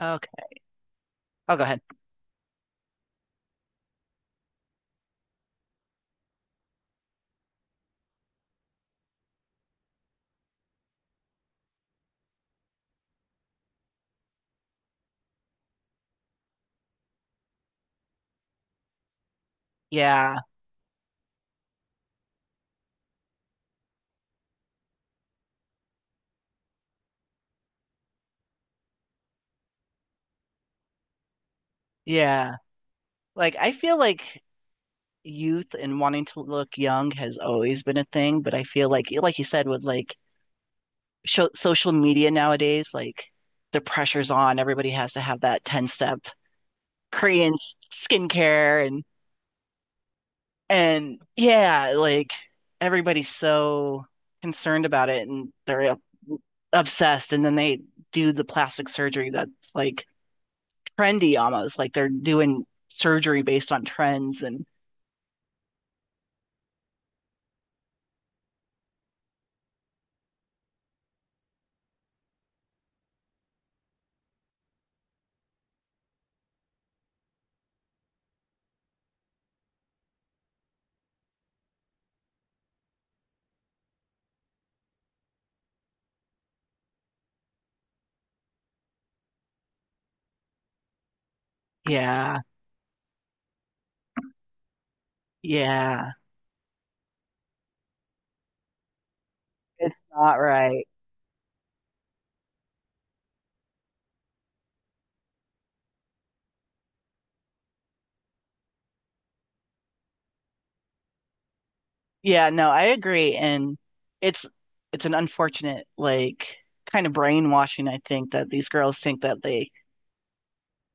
Okay. I'll go ahead. Yeah. Yeah. Like I feel like youth and wanting to look young has always been a thing, but I feel like you said with like sho social media nowadays, like the pressure's on. Everybody has to have that 10 step Korean skincare and yeah, like everybody's so concerned about it and they're obsessed and then they do the plastic surgery that's like trendy almost, like they're doing surgery based on trends and yeah, yeah. It's not right. Yeah, no, I agree. And it's it's an unfortunate, like kind of brainwashing, I think, that these girls think that they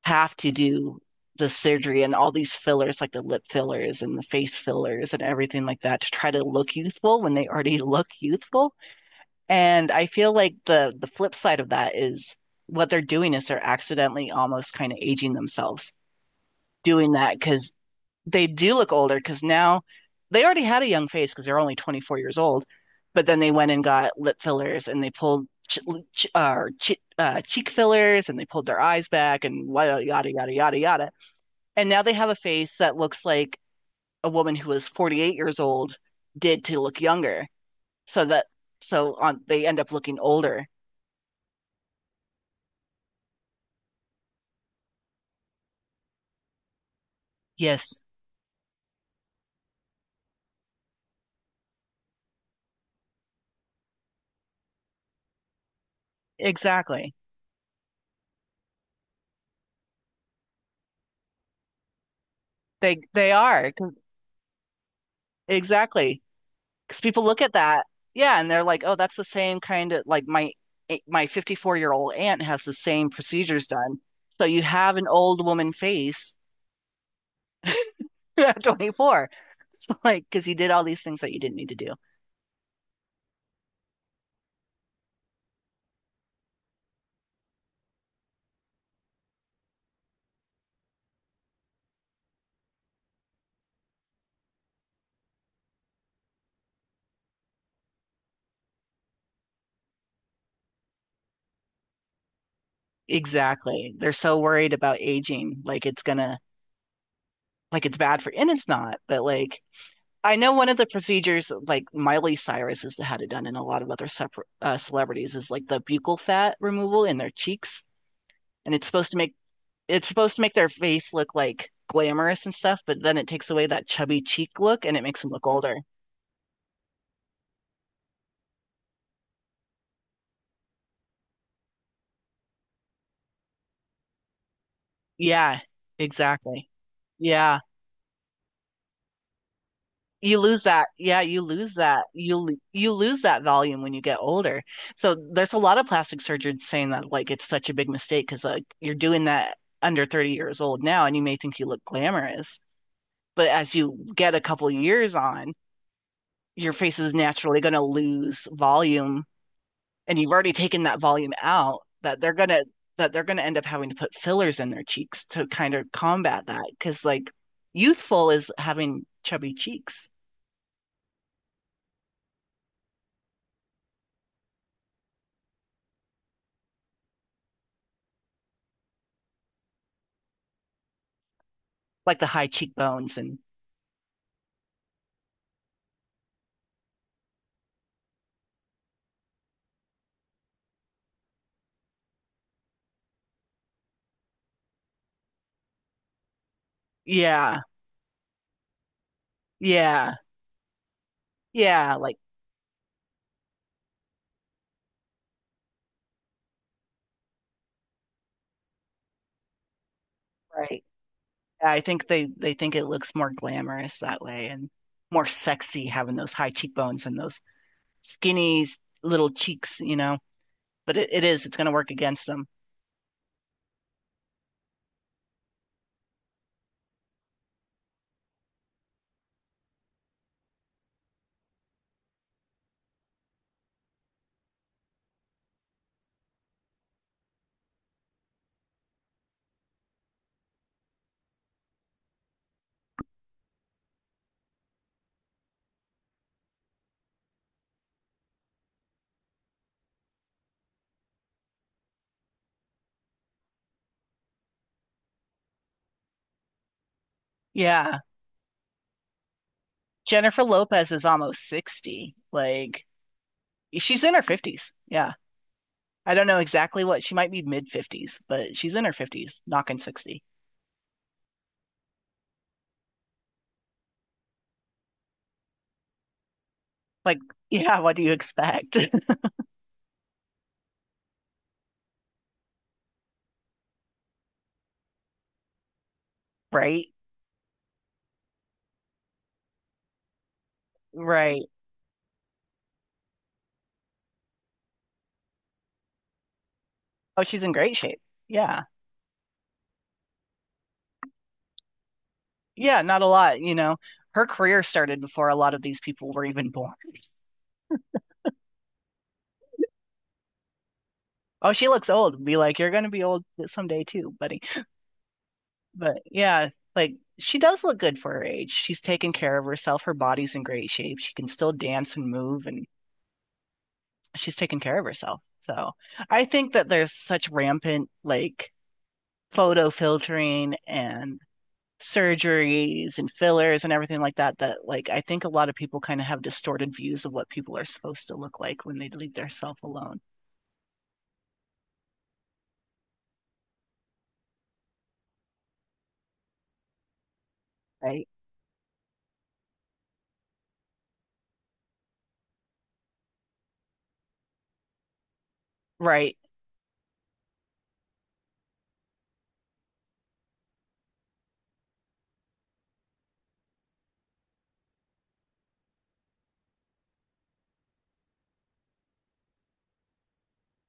have to do the surgery and all these fillers, like the lip fillers and the face fillers and everything like that to try to look youthful when they already look youthful. And I feel like the flip side of that is what they're doing is they're accidentally almost kind of aging themselves doing that because they do look older because now they already had a young face because they're only 24 years old, but then they went and got lip fillers and they pulled cheek fillers and they pulled their eyes back and yada, yada, yada, yada, yada. And now they have a face that looks like a woman who was 48 years old did to look younger. So that, so on, they end up looking older. Yes, exactly. They are, exactly, because people look at that, yeah, and they're like, oh, that's the same kind of like my my 54-year-old aunt has the same procedures done. So you have an old woman face at 24, like because you did all these things that you didn't need to do. Exactly. They're so worried about aging, like it's gonna, like it's bad for, and it's not, but like I know one of the procedures, like Miley Cyrus has had it done, and a lot of other celebrities is like the buccal fat removal in their cheeks, and it's supposed to make their face look like glamorous and stuff, but then it takes away that chubby cheek look and it makes them look older. Yeah, exactly. Yeah. You lose that, yeah, you lose that volume when you get older, so there's a lot of plastic surgeons saying that like it's such a big mistake because like you're doing that under 30 years old now and you may think you look glamorous, but as you get a couple years on, your face is naturally going to lose volume and you've already taken that volume out that they're going to end up having to put fillers in their cheeks to kind of combat that because like youthful is having chubby cheeks, like the high cheekbones, and yeah. Yeah. Yeah, like, right. I think they think it looks more glamorous that way and more sexy having those high cheekbones and those skinny little cheeks, you know. But it's gonna work against them. Yeah. Jennifer Lopez is almost 60. Like, she's in her 50s. Yeah. I don't know exactly, what she might be, mid 50s, but she's in her 50s, knocking 60. Like, yeah, what do you expect? Right? Right. Oh, she's in great shape. Yeah. Yeah, not a lot, you know. Her career started before a lot of these people were even born. Oh, she looks old. Be like, you're gonna be old someday too, buddy. But yeah, like she does look good for her age. She's taken care of herself. Her body's in great shape. She can still dance and move, and she's taken care of herself. So I think that there's such rampant like photo filtering and surgeries and fillers and everything like that, that like I think a lot of people kind of have distorted views of what people are supposed to look like when they leave their self alone. Right? Right.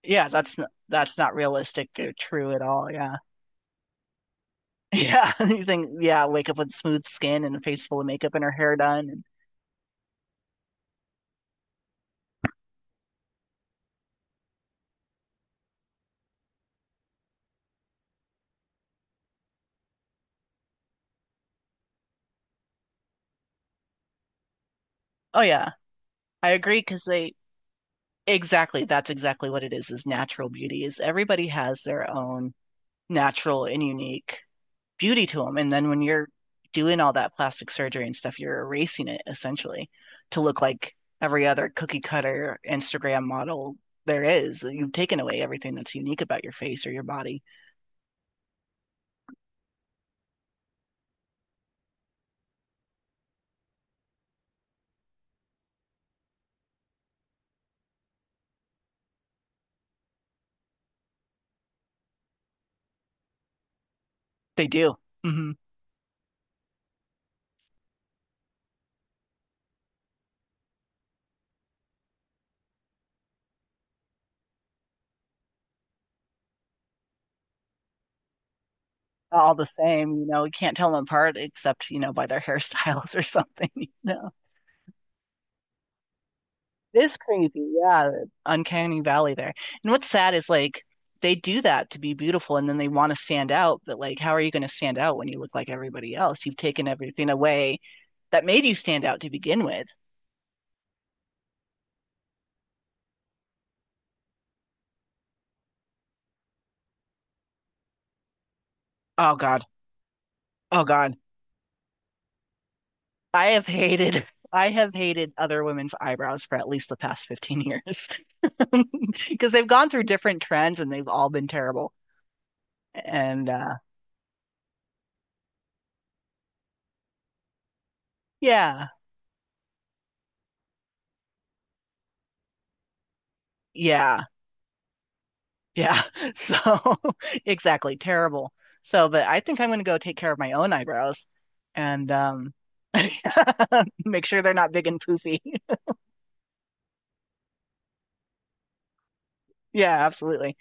Yeah, that's not realistic or true at all. Yeah. Yeah. You think, yeah, wake up with smooth skin and a face full of makeup and her hair done. And, oh yeah, I agree because they exactly, that's exactly what it is natural beauty is everybody has their own natural and unique beauty to them. And then when you're doing all that plastic surgery and stuff, you're erasing it essentially to look like every other cookie cutter Instagram model there is. You've taken away everything that's unique about your face or your body. They do. hmm all the same, you know, you can't tell them apart except, you know, by their hairstyles or something, you know. It is creepy, yeah. Uncanny Valley there. And what's sad is like they do that to be beautiful and then they want to stand out, but like how are you going to stand out when you look like everybody else? You've taken everything away that made you stand out to begin with. Oh God. Oh God. I have hated I have hated other women's eyebrows for at least the past 15 years because they've gone through different trends and they've all been terrible. And yeah. Yeah. Yeah. So, exactly. Terrible. So, but I think I'm going to go take care of my own eyebrows and make sure they're not big and poofy. Yeah, absolutely.